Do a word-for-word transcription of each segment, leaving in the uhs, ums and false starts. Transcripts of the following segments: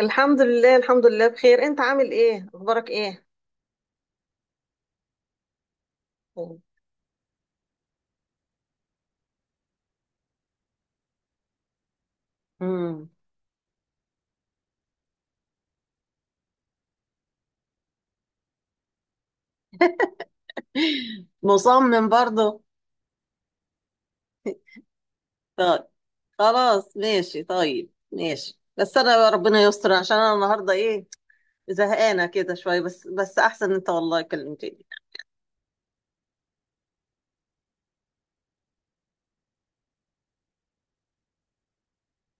الحمد لله الحمد لله، بخير. انت عامل ايه؟ اخبارك ايه؟ مم. مصمم برضه؟ طيب خلاص ماشي، طيب ماشي. بس انا ربنا يستر، عشان انا النهارده ايه، زهقانه كده شويه. بس بس احسن انت والله كلمتني.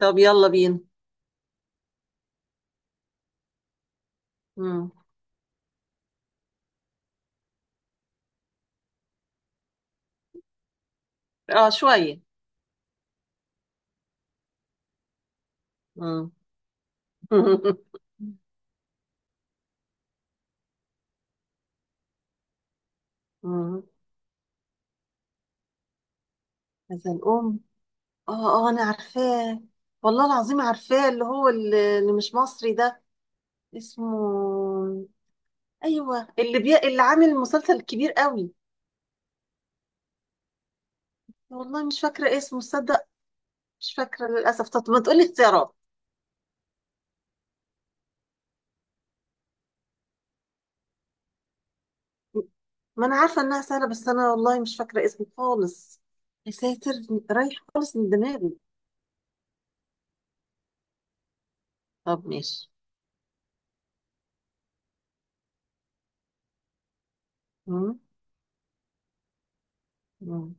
طب يلا بينا. مم. اه شويه. مم. مم. هذا الام. اه اه انا عارفاه، والله العظيم عارفاه، اللي هو اللي اللي مش مصري ده، اسمه ايوه، اللي بي... اللي عامل مسلسل كبير قوي. والله مش فاكره اسمه تصدق. مش فاكره للاسف، طب ما تقولي اختيارات. ما انا عارفه انها سهله، بس انا والله مش فاكره اسمه خالص. يا ساتر، رايح خالص من دماغي. طب ماشي. مم. مم.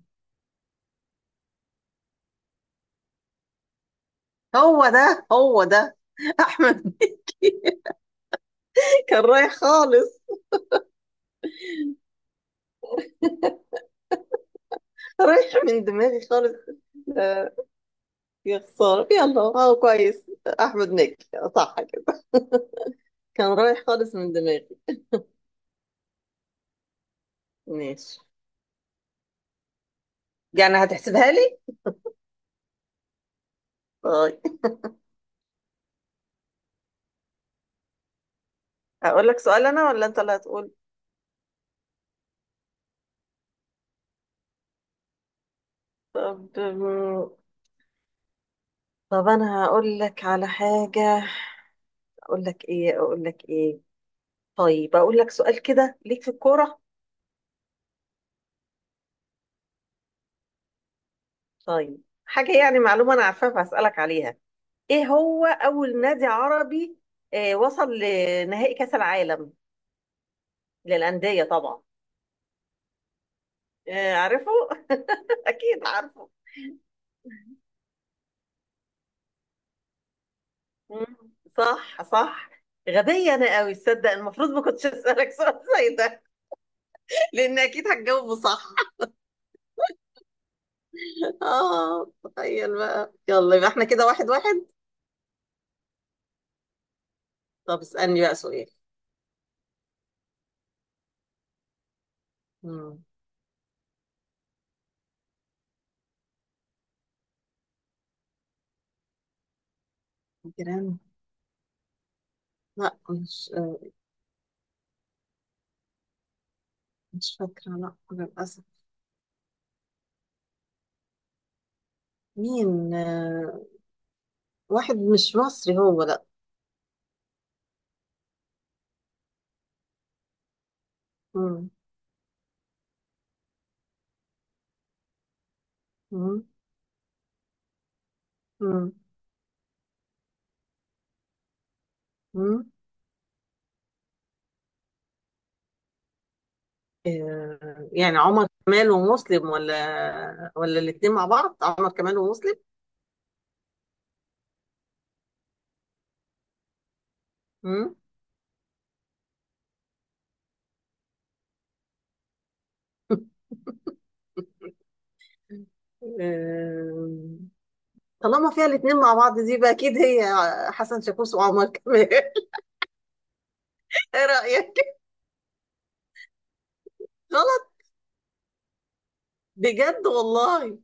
هو ده هو ده. احمد مكي، كان رايح خالص، رايح من دماغي خالص. آه، يا خساره، يلا هو كويس. احمد مكي، صح كده. كان رايح خالص من دماغي. ماشي. يعني هتحسبها لي؟ طيب. اقول لك سؤال انا ولا انت اللي هتقول؟ طب، طب انا هقول لك على حاجة. اقول لك ايه؟ اقول لك ايه؟ طيب اقول لك سؤال كده ليك في الكورة. طيب حاجة يعني معلومة انا عارفاها، فهسألك عليها. ايه هو اول نادي عربي آه، وصل لنهائي كأس العالم للأندية طبعا؟ آه، عارفه. اكيد عارفه. مم. صح صح. غبية انا قوي تصدق، المفروض ما كنتش اسألك سؤال زي ده. لان اكيد هتجاوبه صح. اه تخيل بقى، يلا يبقى احنا كده واحد واحد. طب اسألني بقى سؤال. مم. جيران؟ لا، مش آه، مش فاكرة لا للأسف. مين آه، واحد مش مصري هو، لا. مم. مم. مم. مم. آه، يعني عمر كمال ومسلم، ولا ولا الاتنين مع بعض؟ عمر كمال ومسلم. مم. آه، طالما فيها الاتنين مع بعض دي بقى، أكيد هي حسن شاكوش وعمر كمال. ايه رأيك؟ غلط؟ بجد والله.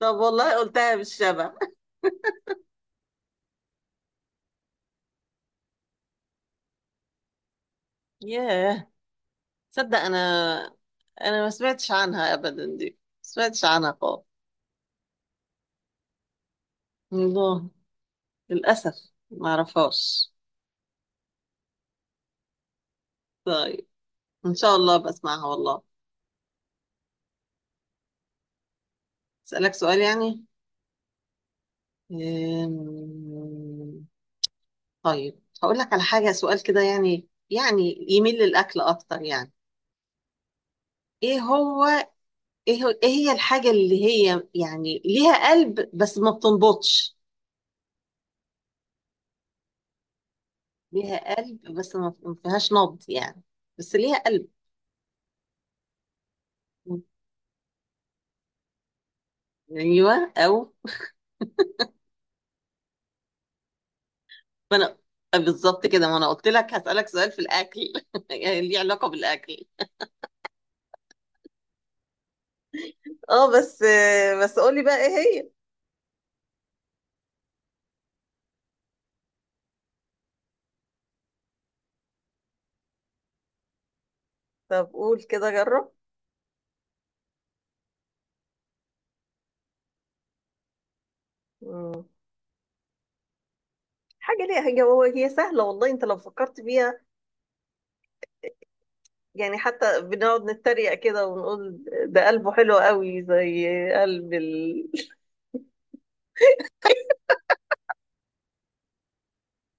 طب والله قلتها بالشبه. ياه. تصدق انا، انا ما سمعتش عنها ابدا، دي ما سمعتش عنها خالص. الله. للاسف ما اعرفهاش. طيب ان شاء الله بسمعها والله. اسالك سؤال يعني؟ أم، طيب هقول لك على حاجه، سؤال كده يعني، يعني يميل للاكل اكتر يعني. ايه هو، ايه هو- إيه هي الحاجه اللي هي يعني ليها قلب بس ما بتنبضش؟ ليها قلب بس ما ما فيهاش نبض يعني، بس ليها قلب. ايوه، او ما انا، بالظبط كده، ما انا قلت لك هسألك سؤال في الاكل. يعني ليه علاقة بالاكل. اه بس، بس قولي بقى ايه هي. طب قول كده جرب. مم. حاجة ليها، هي هو هي سهلة والله انت لو فكرت فيها، يعني حتى بنقعد نتريق كده ونقول ده قلبه حلو قوي، زي قلب ال...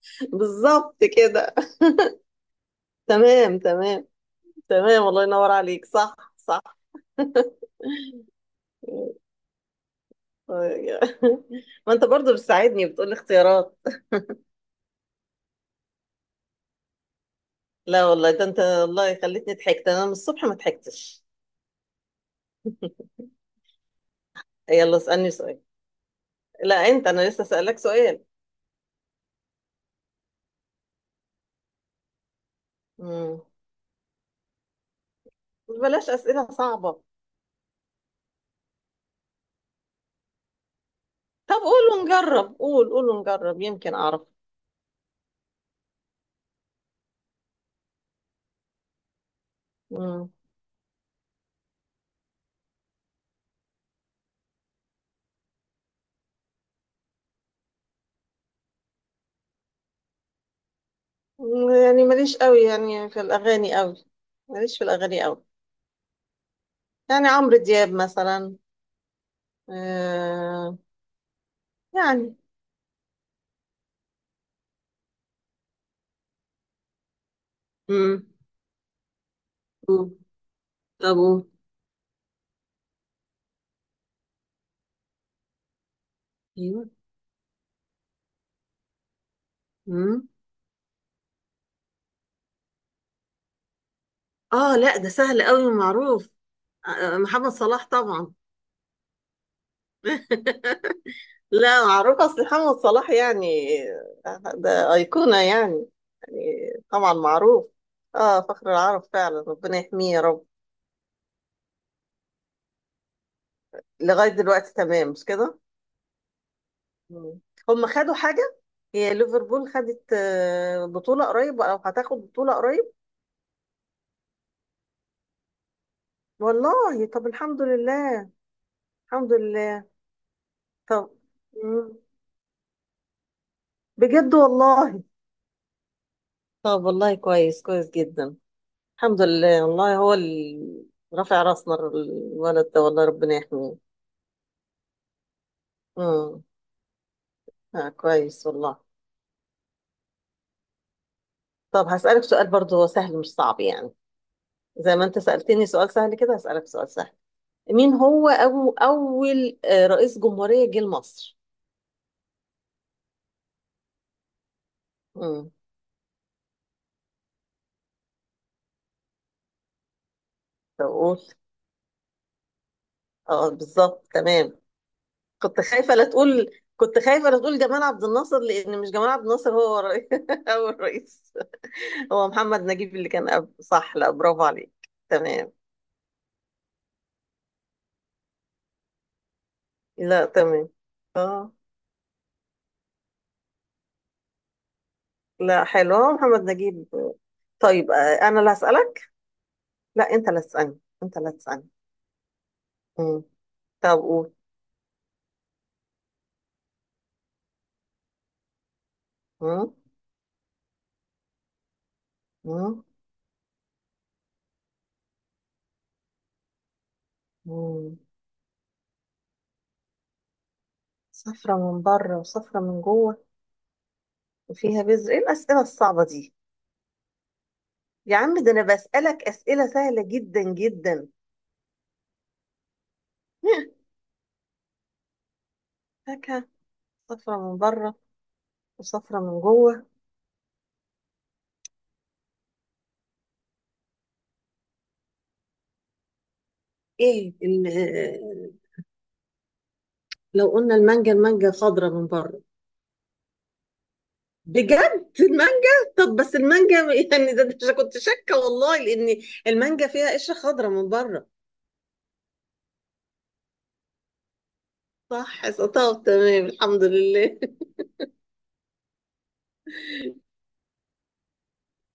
بالظبط كده. تمام تمام. تمام الله ينور عليك، صح صح. ما انت برضو بتساعدني، بتقول اختيارات. لا والله، ده انت والله خليتني ضحكت، انا من الصبح ما ضحكتش. يلا اسألني سؤال. لا، انت انا لسه اسألك سؤال. مم. بلاش اسئلة صعبة. طب قول ونجرب، قول قول ونجرب، يمكن اعرف. مم. يعني ماليش قوي يعني في الاغاني قوي، ماليش في الاغاني قوي، يعني عمرو دياب مثلا. آه يعني. مم. قول. طب قول. ايوه. مم. اه لا، ده سهل قوي ومعروف. آه، محمد صلاح طبعا. لا، معروف، اصل محمد صلاح يعني ده أيقونة يعني، يعني طبعا معروف. اه فخر العرب فعلا، ربنا يحميه يا رب. لغاية دلوقتي تمام مش كده؟ مم. هم خدوا حاجة؟ هي ليفربول خدت آه، بطولة قريب، او هتاخد بطولة قريب؟ والله طب الحمد لله. الحمد لله. طب. مم. بجد والله؟ طب والله كويس، كويس جدا. الحمد لله والله، هو اللي رافع راسنا الولد ده والله، ربنا يحميه. امم. آه كويس والله. طب هسألك سؤال برضه سهل مش صعب يعني، زي ما انت سألتني سؤال سهل كده هسألك سؤال سهل. مين هو، أو أول آه، رئيس جمهورية جه لمصر؟ امم. طب قول. اه، بالظبط تمام. كنت خايفة لا تقول، كنت خايفة لا تقول جمال عبد الناصر، لأن مش جمال عبد الناصر هو رئيس، أول رئيس هو محمد نجيب اللي كان قبل، صح، لا برافو عليك. تمام. لا تمام، اه. لا حلو، آه، محمد نجيب. طيب آه، انا اللي هسألك. لا انت اللي هتسألني، انت اللي هتسألني. مم. طب قول. مم. مم. مم. صفرة من بره وصفرة من جوه وفيها بذر. ايه الأسئلة الصعبة دي؟ يا عم، ده انا بسألك أسئلة سهلة جدا جدا. فاكهة؟ صفرة من بره وصفرة من جوه. ايه ال- لو قلنا المانجا، المانجا خضرة من بره. بجد المانجا؟ طب بس المانجا يعني ده ده كنت شاكه والله، لان المانجا فيها قشره خضراء من بره. صح طب تمام، الحمد لله. ان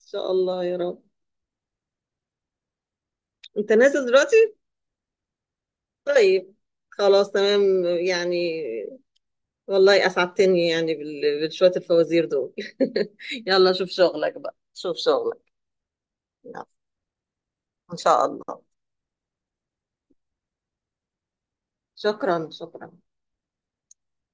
شاء الله يا رب. انت نازل دلوقتي؟ طيب خلاص تمام. يعني والله اسعدتني يعني بال- بشويه الفوازير دول. يلا شوف شغلك بقى، شوف شغلك. يلا ان شاء الله. شكرا شكرا.